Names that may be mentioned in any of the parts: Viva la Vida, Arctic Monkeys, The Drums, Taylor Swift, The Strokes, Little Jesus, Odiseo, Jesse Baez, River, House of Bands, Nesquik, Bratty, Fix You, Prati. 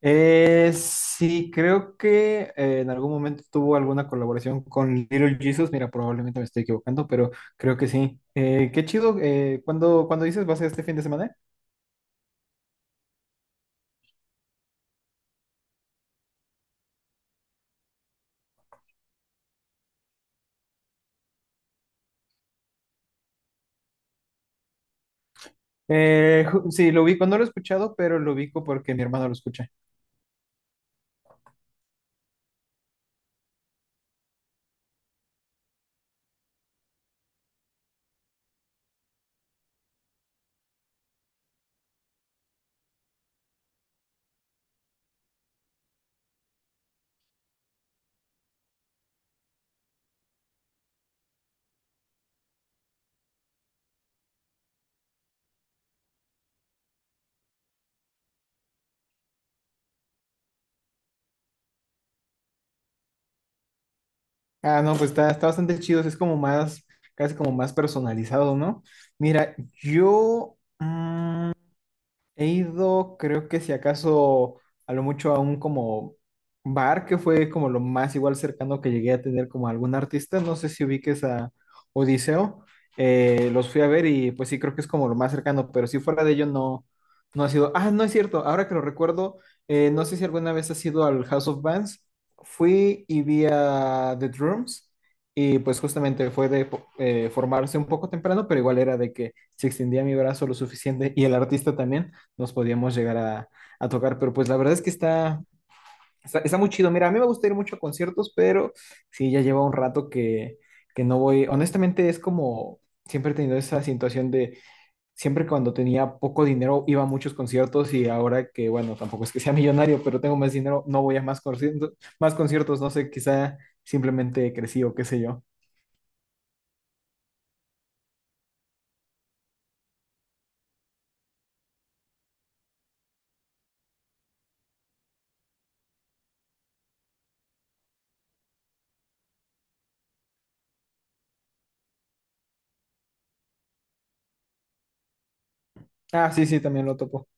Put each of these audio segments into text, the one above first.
Sí, creo que en algún momento tuvo alguna colaboración con Little Jesus. Mira, probablemente me estoy equivocando, pero creo que sí. Qué chido. ¿Cuándo dices va a ser este fin de semana? Sí, lo ubico. No lo he escuchado, pero lo ubico porque mi hermano lo escucha. Ah, no, pues está bastante chido. Es como más, casi como más personalizado, ¿no? Mira, yo... he ido, creo que si acaso, a lo mucho a un como bar, que fue como lo más igual cercano que llegué a tener como algún artista. No sé si ubiques a Odiseo. Los fui a ver y pues sí, creo que es como lo más cercano, pero si fuera de ello no ha sido. Ah, no es cierto, ahora que lo recuerdo, no sé si alguna vez has ido al House of Bands. Fui y vi a The Drums y pues justamente fue de formarse un poco temprano, pero igual era de que se extendía mi brazo lo suficiente y el artista también nos podíamos llegar a tocar, pero pues la verdad es que está muy chido. Mira, a mí me gusta ir mucho a conciertos, pero sí, ya lleva un rato que no voy. Honestamente, es como siempre he tenido esa situación de siempre cuando tenía poco dinero iba a muchos conciertos y ahora que, bueno, tampoco es que sea millonario, pero tengo más dinero, no voy a más conciertos, no sé, quizá simplemente crecí o qué sé yo. Ah, sí, sí, también lo topo.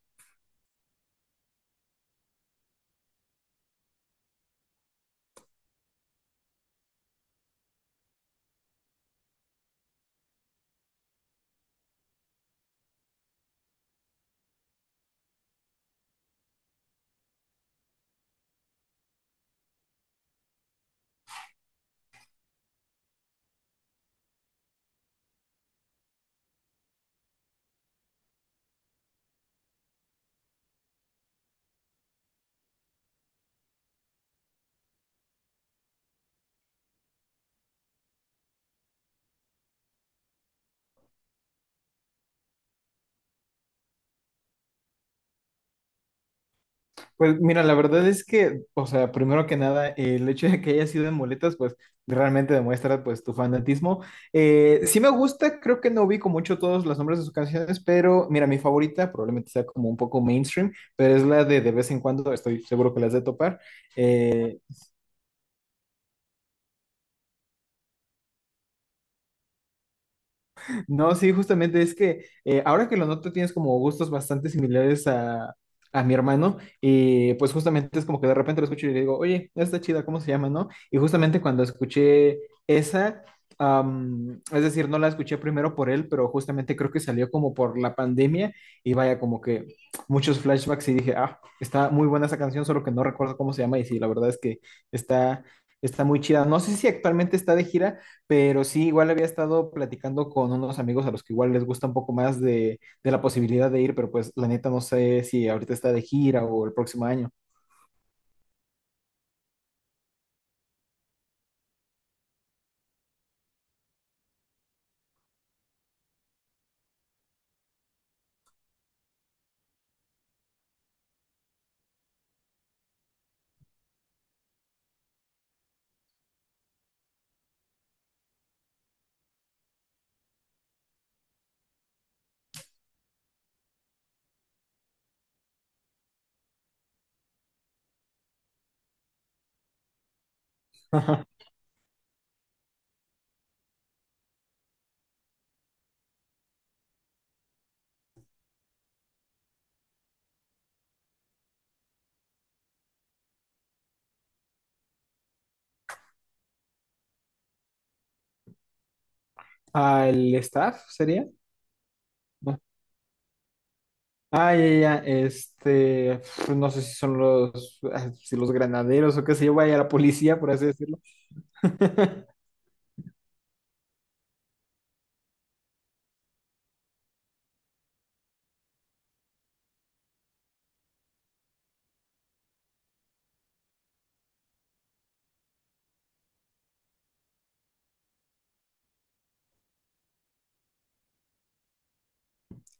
Pues mira, la verdad es que, o sea, primero que nada, el hecho de que haya sido en muletas, pues realmente demuestra pues tu fanatismo. Sí me gusta, creo que no ubico mucho todos los nombres de sus canciones, pero mira, mi favorita probablemente sea como un poco mainstream, pero es la de vez en cuando, estoy seguro que las de topar. Eh, No, Sí, justamente es que ahora que lo noto tienes como gustos bastante similares a mi hermano y pues justamente es como que de repente lo escucho y le digo, oye, está chida, ¿cómo se llama, no? Y justamente cuando escuché esa, es decir, no la escuché primero por él, pero justamente creo que salió como por la pandemia y vaya como que muchos flashbacks y dije, ah, está muy buena esa canción, solo que no recuerdo cómo se llama y sí, la verdad es que está, está muy chida. No sé si actualmente está de gira. Pero sí, igual había estado platicando con unos amigos a los que igual les gusta un poco más de la posibilidad de ir, pero pues la neta no sé si ahorita está de gira o el próximo año. Ajá. ¿Al staff sería? No. Ah, ya, ya, ya, este, pf, no sé si son los, ah, si los granaderos o qué sé yo, vaya, la policía, por así decirlo.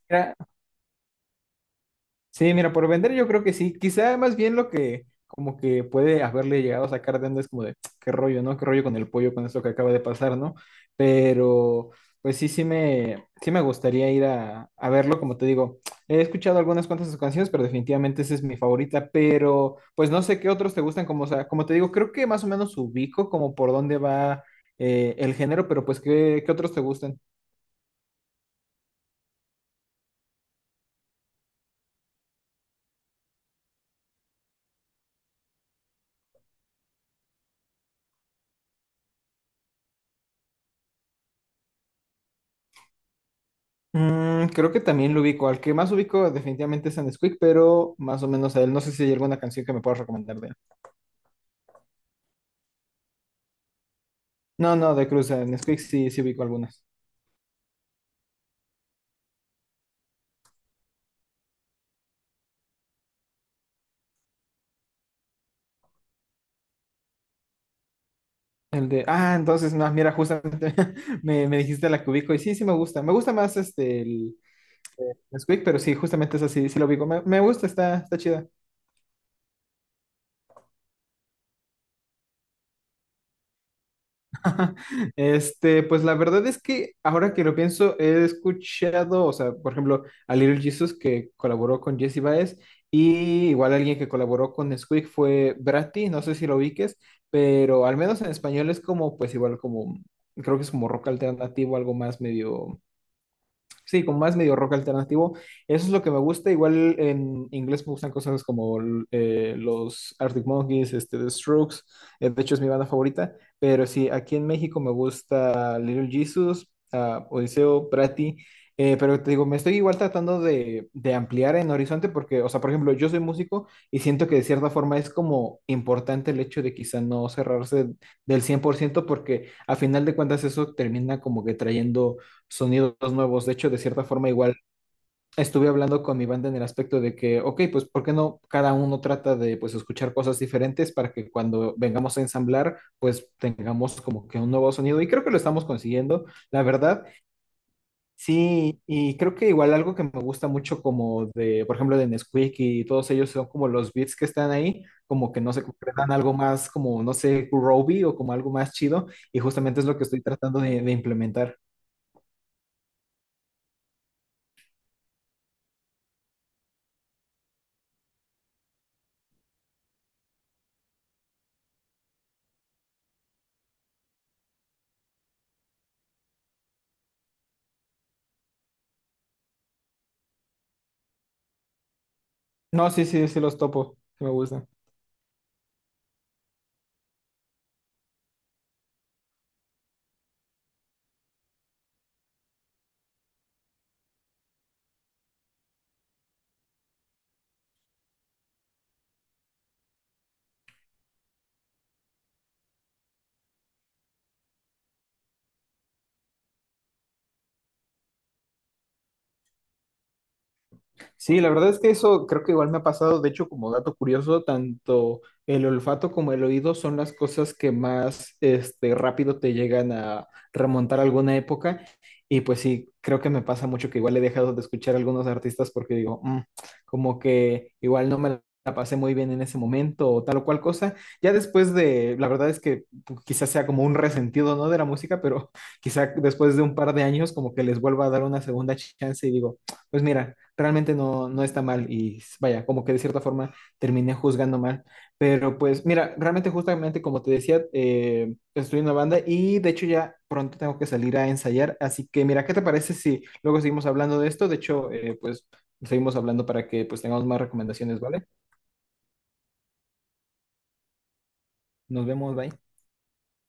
Era, Sí, mira, por vender yo creo que sí. Quizá más bien lo que como que puede haberle llegado a sacar de onda es como de "Tsk, qué rollo, ¿no? Qué rollo con el pollo con esto que acaba de pasar, ¿no? Pero pues sí, sí me gustaría ir a verlo, como te digo. He escuchado algunas cuantas de sus canciones, pero definitivamente esa es mi favorita. Pero pues no sé qué otros te gustan, como, o sea, como te digo, creo que más o menos ubico como por dónde va el género, pero pues ¿qué otros te gustan? Mm, creo que también lo ubico. Al que más ubico definitivamente es a Nesquik, pero más o menos a él. No sé si hay alguna canción que me puedas recomendar de él. No, no, De Cruz, a Nesquik sí, sí ubico algunas. El de, ah, entonces, no, mira, justamente me dijiste la que ubico y sí, sí me gusta. Me gusta más este, el Nesquik, pero sí, justamente es así sí lo ubico. Me gusta, está chida. Este, pues la verdad es que ahora que lo pienso, he escuchado, o sea, por ejemplo, a Little Jesus que colaboró con Jesse Baez y igual alguien que colaboró con Squeak fue Bratty, no sé si lo ubiques, pero al menos en español es como, pues igual como, creo que es como rock alternativo, algo más medio. Sí, como más medio rock alternativo. Eso es lo que me gusta. Igual en inglés me gustan cosas como los Arctic Monkeys, este, The Strokes. De hecho, es mi banda favorita. Pero sí, aquí en México me gusta Little Jesus, ah, Odiseo, Prati. Pero te digo, me estoy igual tratando de ampliar en horizonte porque, o sea, por ejemplo, yo soy músico y siento que de cierta forma es como importante el hecho de quizá no cerrarse del 100% porque a final de cuentas eso termina como que trayendo sonidos nuevos. De hecho, de cierta forma, igual estuve hablando con mi banda en el aspecto de que, ok, pues, ¿por qué no cada uno trata de, pues, escuchar cosas diferentes para que cuando vengamos a ensamblar, pues, tengamos como que un nuevo sonido? Y creo que lo estamos consiguiendo, la verdad. Sí, y creo que igual algo que me gusta mucho como de, por ejemplo, de Nesquik y todos ellos son como los beats que están ahí, como que no se concretan algo más como, no sé, groovy o como algo más chido, y justamente es lo que estoy tratando de implementar. No, sí, sí, sí los topo, sí me gusta. Sí, la verdad es que eso creo que igual me ha pasado. De hecho, como dato curioso, tanto el olfato como el oído son las cosas que más rápido te llegan a remontar a alguna época. Y pues sí, creo que me pasa mucho que igual he dejado de escuchar a algunos artistas porque digo, "Mm, como que igual no me la pasé muy bien en ese momento o tal o cual cosa. Ya después de, la verdad es que pues, quizás sea como un resentido, ¿no? De la música, pero quizá después de un par de años como que les vuelva a dar una segunda chance y digo pues mira, realmente no está mal y vaya, como que de cierta forma terminé juzgando mal. Pero pues mira, realmente justamente como te decía, estoy en una banda y de hecho ya pronto tengo que salir a ensayar. Así que mira, ¿qué te parece si luego seguimos hablando de esto? De hecho, pues seguimos hablando para que pues tengamos más recomendaciones, ¿vale? Nos vemos, bye.